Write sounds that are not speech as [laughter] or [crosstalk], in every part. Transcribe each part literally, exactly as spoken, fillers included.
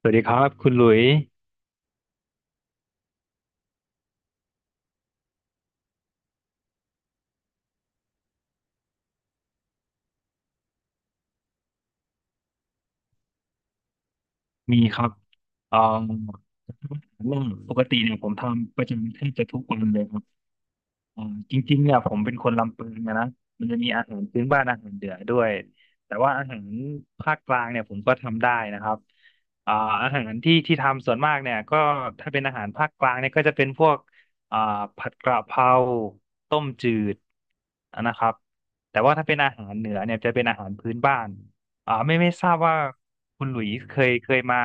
สวัสดีครับคุณหลุยมีครับเอ่อเรื่องปกติเนี่ยผมทำประจำแทบจะทุกวันเลยครับ อืมจริงๆเนี่ยผมเป็นคนลำพูนนะนะมันจะมีอาหารพื้นบ้านอาหารเหนือด้วยแต่ว่าอาหารภาคกลางเนี่ยผมก็ทำได้นะครับอ่าอาหารที่ที่ทำส่วนมากเนี่ยก็ถ้าเป็นอาหารภาคกลางเนี่ยก็จะเป็นพวกอ่าผัดกระเพราต้มจืดนะครับแต่ว่าถ้าเป็นอาหารเหนือเนี่ยจะเป็นอาหารพื้นบ้านอ่าไม่ไม่ทราบว่าคุณหลุยส์เคยเคยมา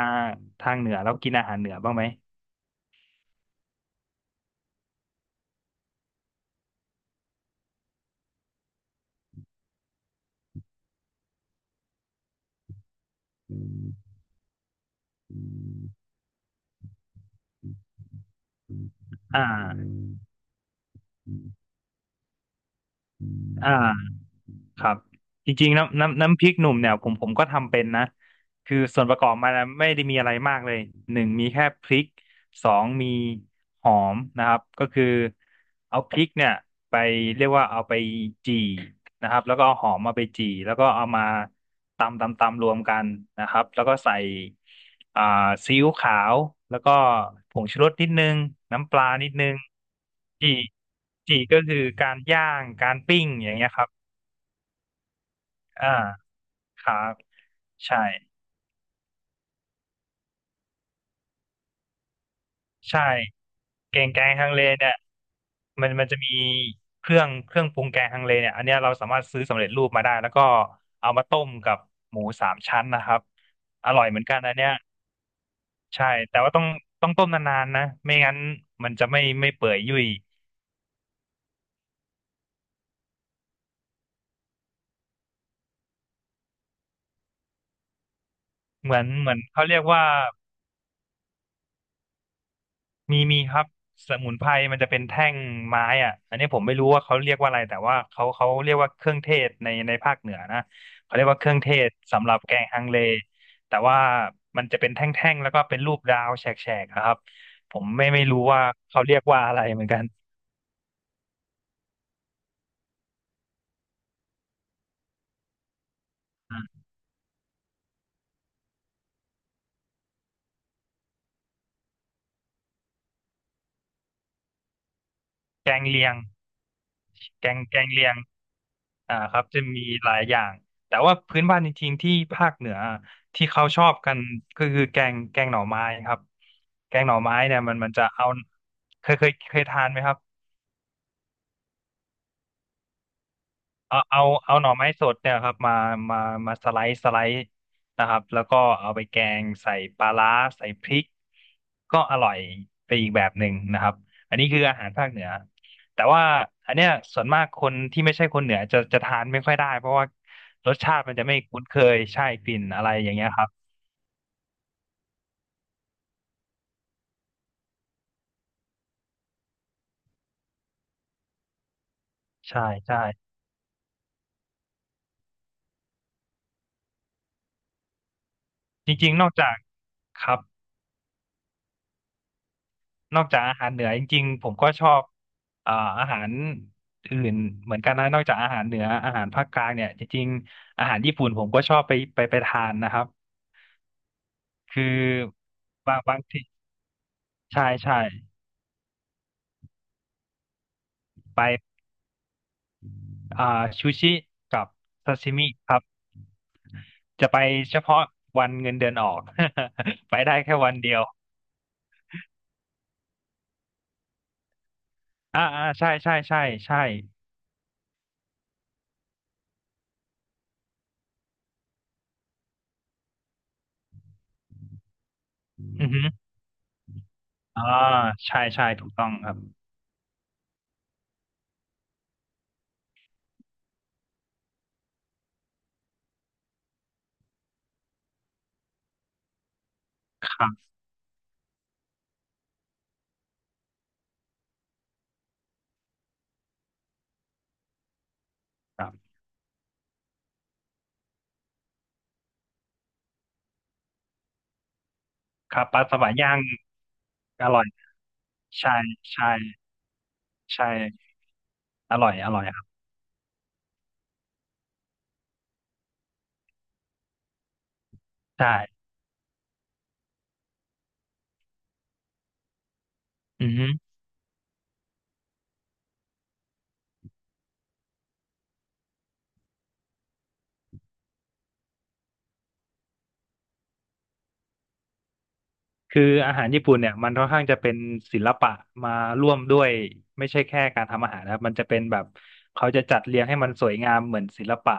ทางเหนือแล้วกินอาหารเหนือบ้างไหมอ่าอ่า ครับจริงๆน้ำน้ำน้ำพริกหนุ่มเนี่ยผมผมก็ทำเป็นนะคือส่วนประกอบมันนะไม่ได้มีอะไรมากเลยหนึ่งมีแค่พริกสองมีหอมนะครับก็คือเอาพริกเนี่ยไปเรียกว่าเอาไปจี่นะครับแล้วก็เอาหอมมาไปจี่แล้วก็เอามาตำตำตำรวมกันนะครับแล้วก็ใส่อ่าซีอิ๊วขาวแล้วก็ผงชูรสนิดนึงน้ำปลานิดนึงจี่จี่ก็คือการย่างการปิ้งอย่างเงี้ยครับอ่า ครับใช่ใช่แกงแกงฮังเลเนี่ยมันมันจะมีเครื่องเครื่องปรุงแกงฮังเลเนี่ยอันเนี้ยเราสามารถซื้อสำเร็จรูปมาได้แล้วก็เอามาต้มกับหมูสามชั้นนะครับอร่อยเหมือนกันอันเนี้ยใช่แต่ว่าต้องต้องต้มนานๆนะไม่งั้นมันจะไม่ไม่เปื่อยยุ่ยเหมือนเหมือนเขาเรียกว่า มีมีครับสมุนไพรมันจะเป็นแท่งไม้อ่ะอันนี้ผมไม่รู้ว่าเขาเรียกว่าอะไรแต่ว่าเขาเขาเรียกว่าเครื่องเทศในในภาคเหนือนะเขาเรียกว่าเครื่องเทศสำหรับแกงฮังเลแต่ว่ามันจะเป็นแท่งๆแล้วก็เป็นรูปดาวแฉกๆนะครับผมไม่ไม่รู้ว่าเขาเรียกว่าอะไรเหมือนกันอ่ะแกงเลียงแกงแกงเลียง อ่าครับจะมีหลายอย่างแต่ว่าพื้นบ้านจริงๆที่ภาคเหนือที่เขาชอบกันก็คือแกงแกงหน่อไม้ครับแกงหน่อไม้เนี่ยมันมันจะเอาเคยเคยเคยทานไหมครับ เอาเอาเอาหน่อไม้สดเนี่ยครับมามามาสไลด์สไลด์นะครับแล้วก็เอาไปแกงใส่ปลาร้าใส่พริกก็อร่อยไปอีกแบบหนึ่งนะครับอันนี้คืออาหารภาคเหนือแต่ว่าอันเนี้ยส่วนมากคนที่ไม่ใช่คนเหนือจะจะทานไม่ค่อยได้เพราะว่ารสชาติมันจะไม่คุ้นเคยใช่กลิ่นอะไรอย่างเงี้ยครับใช่ใช่จริงๆนอกจากครับ นอกจากอาหารเหนือจริงๆผมก็ชอบเอ่าอาหารอื่นเหมือนกันนะนอกจากอาหารเหนืออาหารภาคกลางเนี่ยจริงๆอาหารญี่ปุ่นผมก็ชอบไปไปไปทานนะครับคือบางบางที่ใช่ใช่ไปอ่าซูชิกับซาซิมิครับจะไปเฉพาะวันเงินเดือนออก [laughs] ไปได้แค่วันเดียวอ่าอ่าใช่ใช่ใช่ใช่อือฮึอ่าใช่ใช่ถูกต้องครับครับครับครับปลาสวายย่างอร่อยใช่ใช่ ใช่ อร่อยอร่อยครับใช่อือฮึคืออาหารญี่ปุ่นเนี่ยมันค่อนข้างจะเป็นศิลปะมาร่วมด้วยไม่ใช่แค่การทำอาหารนะครับมันจะเป็นแบบเขาจะจัดเรียงให้มันสวยงามเหมือนศิลปะ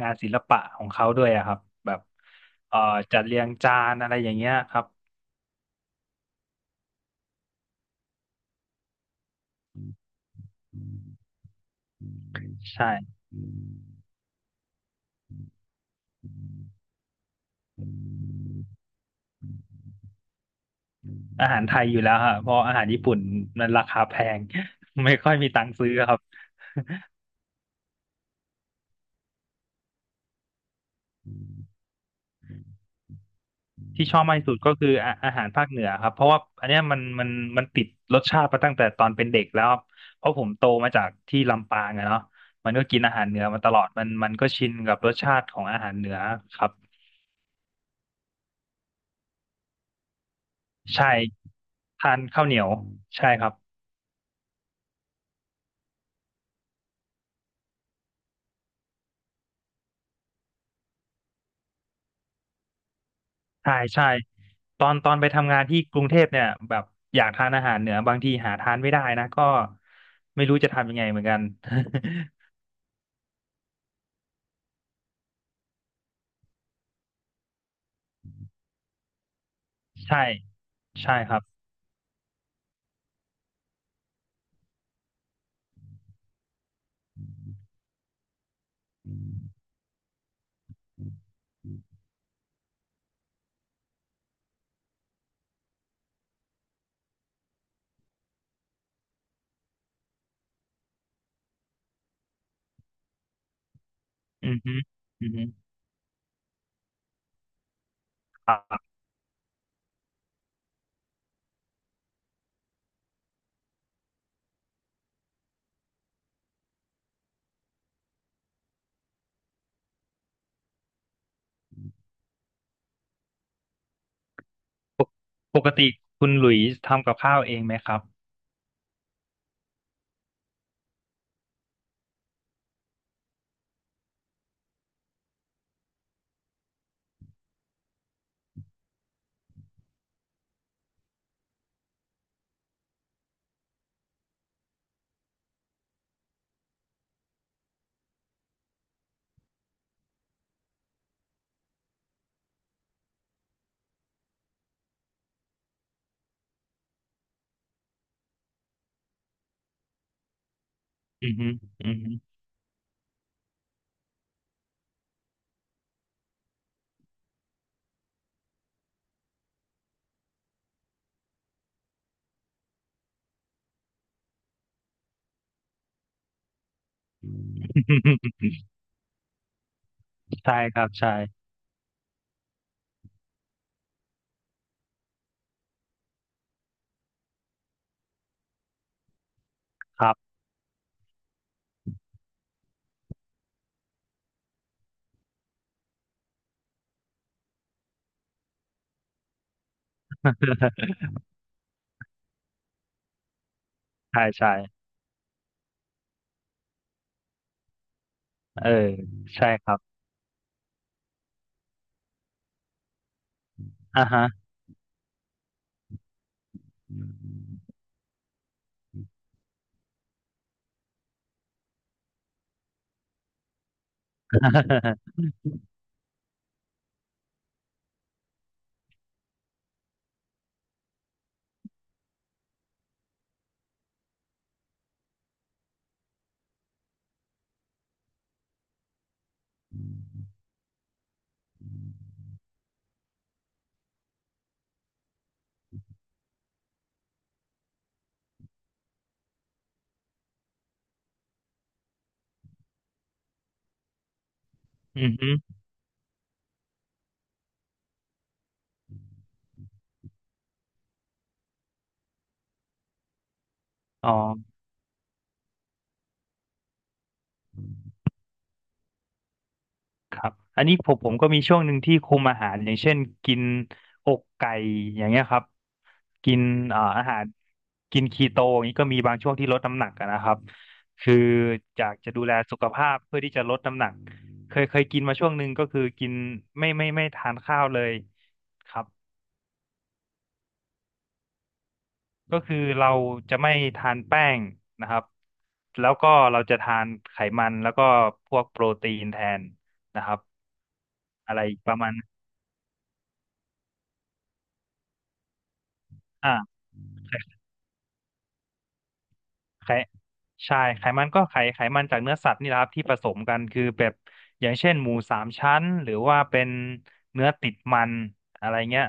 งานศิลปะของเขาด้วยอะครับแบบเอ่อจัดเรียงจานอะไรอย่างเงี้ยครับใช่อาหารไทยอยู่แล้วฮะเพราะอาหารญี่ปุ่นมันราคาแพง [laughs] ไม่ค่อยมีตังค์ซื้อครับ ที่ชอบมากที่สุดก็คืออาอาหารภาคเหนือครับเพราะว่าอันเนี้ยมันมันมันติดรสชาติมาตั้งแต่ตอนเป็นเด็กแล้วเพราะผมโตมาจากที่ลำปางอะเนาะมันก็กินอาหารเหนือมาตลอดมันมันก็ชินกับรสชาติของอาหารเหนือครับใช่ทานข้าวเหนียวใช่ครับใช่ใช่ตอนตอนไปทำงานที่กรุงเทพเนี่ยแบบอยากทานอาหารเหนือบางทีหาทานไม่ได้นะก็ไม่รู้จะทำยังไงเหมือนกัน [laughs] ใช่ใช่ครับอือฮึอือฮึ ปกปกติคุณหลุยส์ทำกับข้าวเองไหมครับอือฮึอือฮึ [laughs] ใช่ครับ ใช่ครับ ใช่ใช่เออใช่ครับอ่าฮะ [laughs] อือฮึอ๋อ ครับอันนี้ผมผมก็มีช่วงหนึ่งที่คุมอาหารอย่างเช่นกินอกไก่อย่างเงี้ยครับกินเอ่ออาหารกินคีโตอย่างนี้ก็มีบางช่วงที่ลดน้ำหนักอะนะครับคืออยากจะดูแลสุขภาพเพื่อที่จะลดน้ำหนักเคยเคยกินมาช่วงหนึ่งก็คือกินไม่ไม่ไม่ทานข้าวเลยครับก็คือเราจะไม่ทานแป้งนะครับแล้วก็เราจะทานไขมันแล้วก็พวกโปรตีนแทนนะครับอะไรประมาณอ่า ไขใช่ไขมันก็ไขไขมันจากเนื้อสัตว์นี่แหละครับที่ผสมกันคือแบบอย่างเช่นหมูสามชั้นหรือว่าเป็นเนื้อติดมันอะไรเงี้ย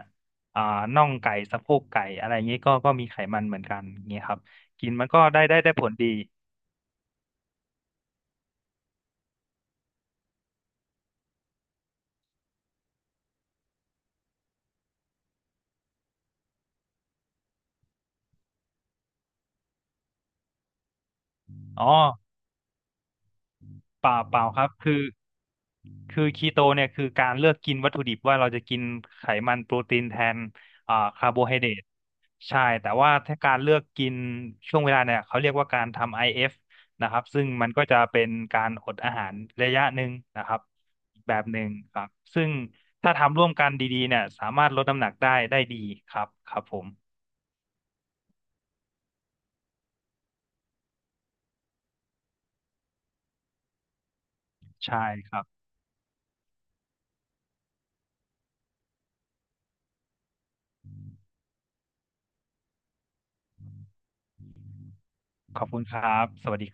อ่าน่องไก่สะโพกไก่อะไรเงี้ยก็ก็มีไขมันเหมือนกันเงี้ยครับกินมันก็ได้ได้ได้ผลดีอ๋อเปล่าเปล่าครับคือ คือคีโตเนี่ยคือการเลือกกินวัตถุดิบว่าเราจะกินไขมันโปรตีนแทนอ่าคาร์โบไฮเดรตใช่แต่ว่าถ้าการเลือกกินช่วงเวลาเนี่ยเขาเรียกว่าการทำ ไอ เอฟ นะครับซึ่งมันก็จะเป็นการอดอาหารระยะหนึ่งนะครับแบบหนึ่งครับซึ่งถ้าทำร่วมกันดีๆเนี่ยสามารถลดน้ำหนักได้ได้ดีครับครับผมใช่ครับขอบคุณครับสวัสดี